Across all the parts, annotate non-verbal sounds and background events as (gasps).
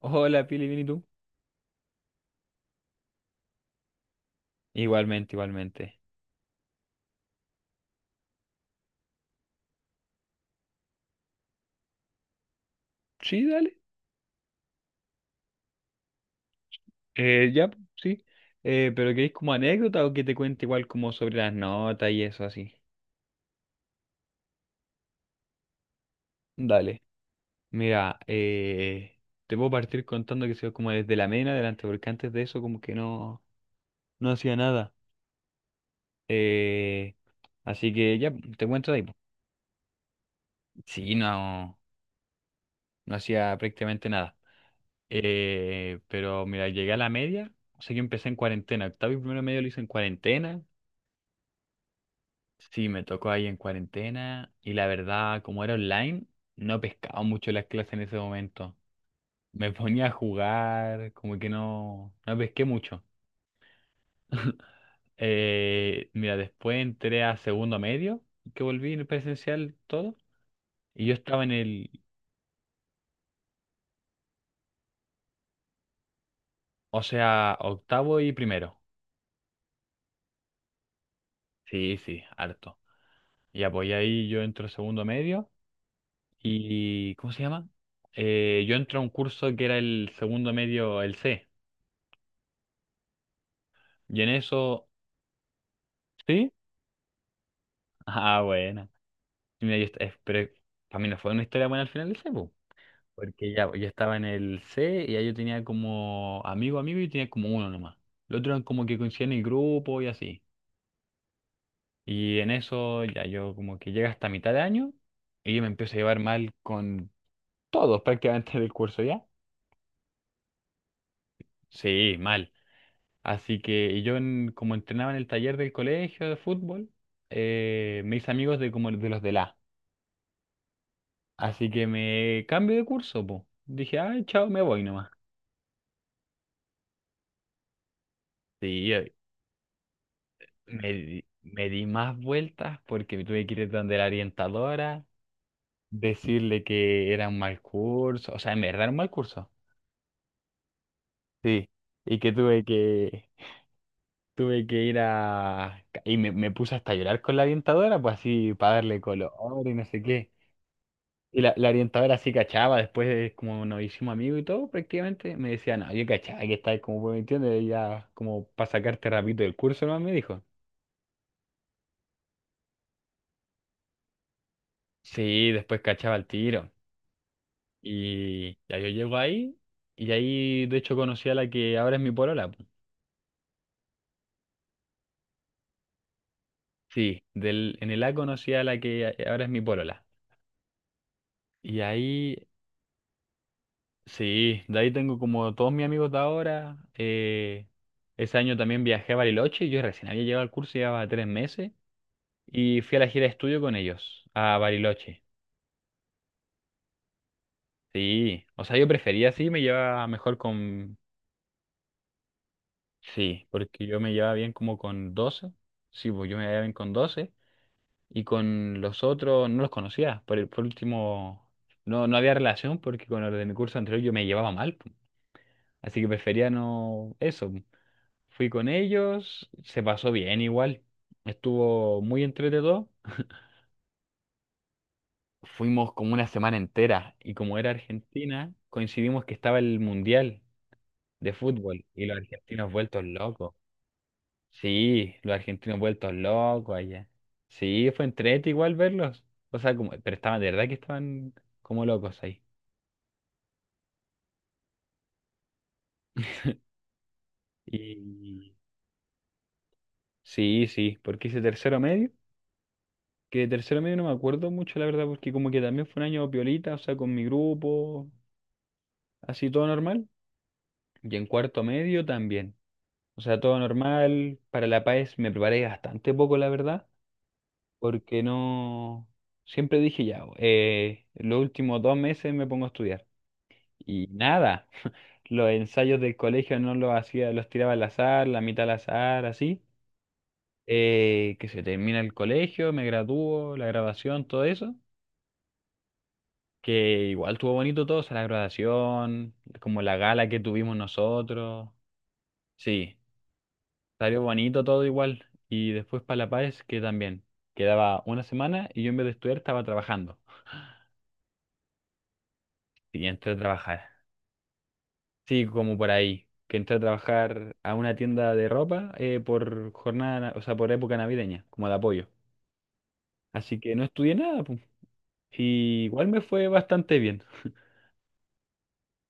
Hola, Pili, ¿bien y tú? Igualmente, igualmente. Sí, dale. Ya, pues, sí. Pero ¿queréis como anécdota o que te cuente igual como sobre las notas y eso así? Dale. Mira, te puedo partir contando que soy como desde la MENA adelante, porque antes de eso como que no hacía nada. Eh, Así que ya, te cuento de ahí. Po. Sí, no, no hacía prácticamente nada. Pero mira, llegué a la media, o sea, yo empecé en cuarentena. Octavo y primero medio lo hice en cuarentena. Sí, me tocó ahí en cuarentena y la verdad, como era online, no pescaba mucho las clases en ese momento. Me ponía a jugar, como que no pesqué mucho. (laughs) Mira, después entré a segundo medio, que volví en presencial todo, y yo estaba en el, o sea, octavo y primero. Sí, sí, harto. Y apoyé ahí yo entro a segundo medio y, ¿cómo se llama? Yo entro a un curso que era el segundo medio, el C. Y en eso ¿sí? Ah, buena. Y mira, yo, pero para mí no fue una historia buena al final ese, po. Porque ya, pues, yo estaba en el C y ahí yo tenía como amigo y tenía como uno nomás. Los otros eran como que coincidían en el grupo y así. Y en eso ya yo como que llega hasta mitad de año y yo me empiezo a llevar mal con todos (laughs) prácticamente del curso ya. Sí, mal. Así que y yo como entrenaba en el taller del colegio de fútbol, me hice amigos de como de los de la. Así que me cambio de curso, po. Dije, ay, chao, me voy nomás. Sí, me di más vueltas porque me tuve que ir donde la orientadora, decirle que era un mal curso, o sea, en verdad era un mal curso. Sí, y que tuve que ir a... Y me puse hasta a llorar con la orientadora, pues así, para darle color y no sé qué. Y la orientadora sí cachaba, después de como nos hicimos amigos y todo, prácticamente, me decía, no, yo cachaba que estáis como pues, me entiendes, ya como para sacarte rapidito del curso, ¿no? Me dijo. Sí, después cachaba el tiro. Y ya yo llego ahí, y ahí de hecho conocí a la que ahora es mi polola. Po. Sí, del, en el A conocí a la que ahora es mi polola. Y ahí, sí, de ahí tengo como todos mis amigos de ahora. Ese año también viajé a Bariloche, yo recién había llegado al curso, llevaba tres meses. Y fui a la gira de estudio con ellos, a Bariloche. Sí, o sea, yo prefería sí, me llevaba mejor con... Sí, porque yo me llevaba bien como con doce. Sí, pues yo me llevaba bien con doce. Y con los otros no los conocía. Por último, no, no había relación porque con los de mi curso anterior yo me llevaba mal. Po. Así que prefería no eso. Po. Fui con ellos, se pasó bien igual. Estuvo muy entretenido. Fuimos como una semana entera y como era Argentina, coincidimos que estaba el Mundial de fútbol y los argentinos vueltos locos. Sí, los argentinos vueltos locos allá. Sí, fue entrete igual verlos. O sea, como, pero estaban, de verdad que estaban como locos ahí. Y sí, sí, porque hice tercero medio, que de tercero medio no me acuerdo mucho, la verdad, porque como que también fue un año piolita, o sea, con mi grupo, así todo normal. Y en cuarto medio también. O sea, todo normal. Para La Paz me preparé bastante poco, la verdad, porque no... Siempre dije ya, los últimos dos meses me pongo a estudiar. Y nada, los ensayos del colegio no los hacía, los tiraba al azar, la mitad al azar, así. Que se termina el colegio, me gradúo, la graduación, todo eso. Que igual estuvo bonito todo, o sea, la graduación, como la gala que tuvimos nosotros. Sí. Salió bonito todo igual. Y después para La Paz, que también. Quedaba una semana y yo en vez de estudiar estaba trabajando. (gasps) Y entré a trabajar. Sí, como por ahí. Que entré a trabajar a una tienda de ropa por jornada, o sea, por época navideña, como de apoyo. Así que no estudié nada, pues. Y igual me fue bastante bien.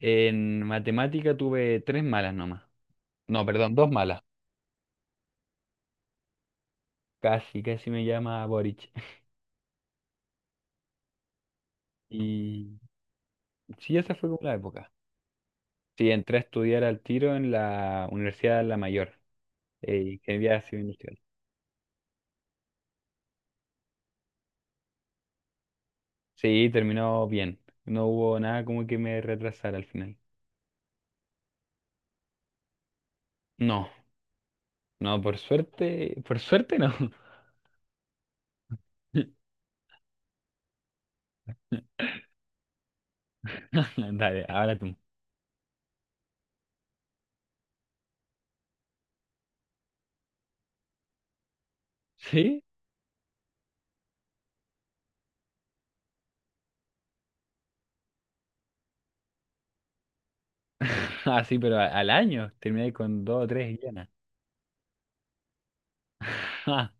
En matemática tuve tres malas nomás. No, perdón, dos malas. Casi, casi me llama Boric. (laughs) Y sí, esa fue como la época. Sí, entré a estudiar al tiro en la Universidad de La Mayor, Ingeniería Civil Industrial. Sí, terminó bien. No hubo nada como que me retrasara al final. No, no, por suerte no. (laughs) Dale, ahora tú. ¿Sí? (laughs) Ah, sí, pero al año terminé con dos o tres llenas. (laughs) Ah,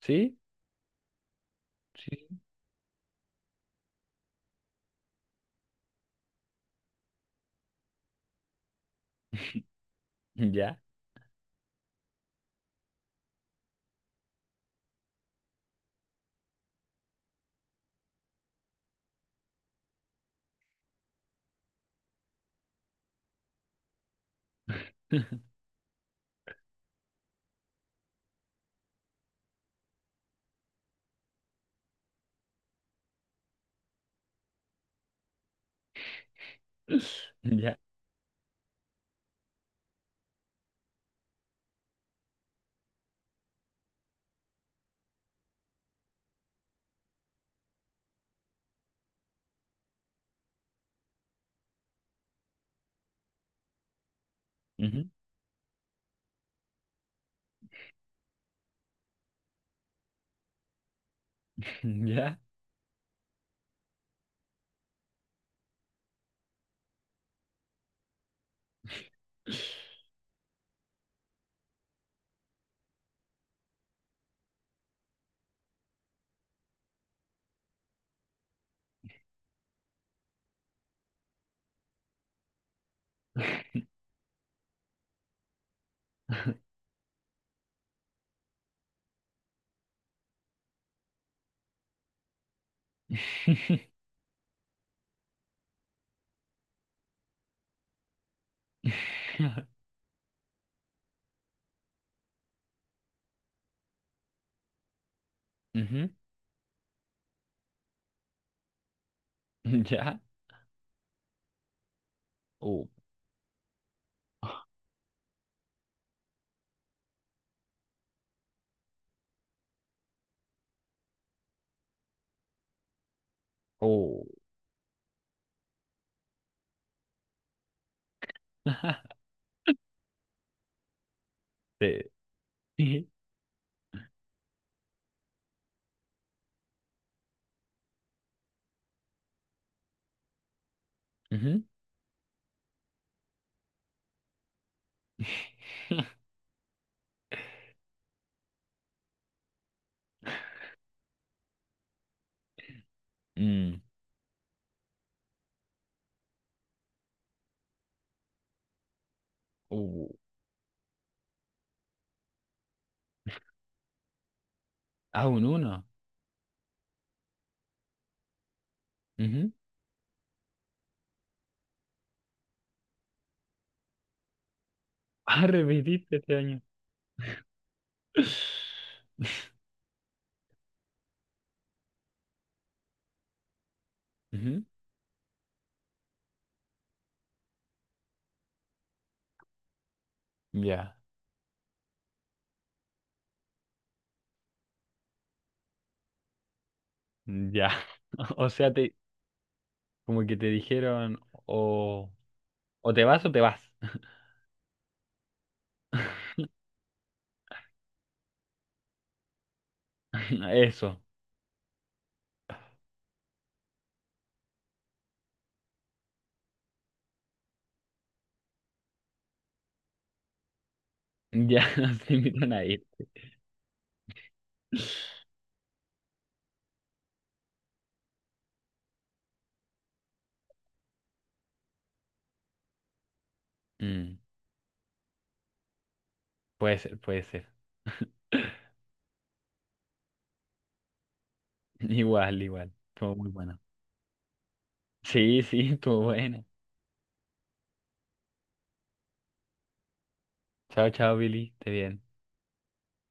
¿sí? Sí, ya. (laughs) Ya. Ujú. Ya. (laughs) (laughs) Ujú. Ya. Oh, oh. (laughs) Te dije. Ujú. (laughs) Mm. Uh, ah, un uno. Ujú. Ah, repetiste este año. (gasps) Ujú. Ya, ya. (laughs) O sea, como que te dijeron o, o te vas o te vas. (laughs) Eso. Ya (laughs) se invitan a ir. Mm, puede ser, puede ser. (laughs) Igual, igual. Estuvo muy bueno. Sí, sí, estuvo buena. Chao, chao, Billy. Esté bien.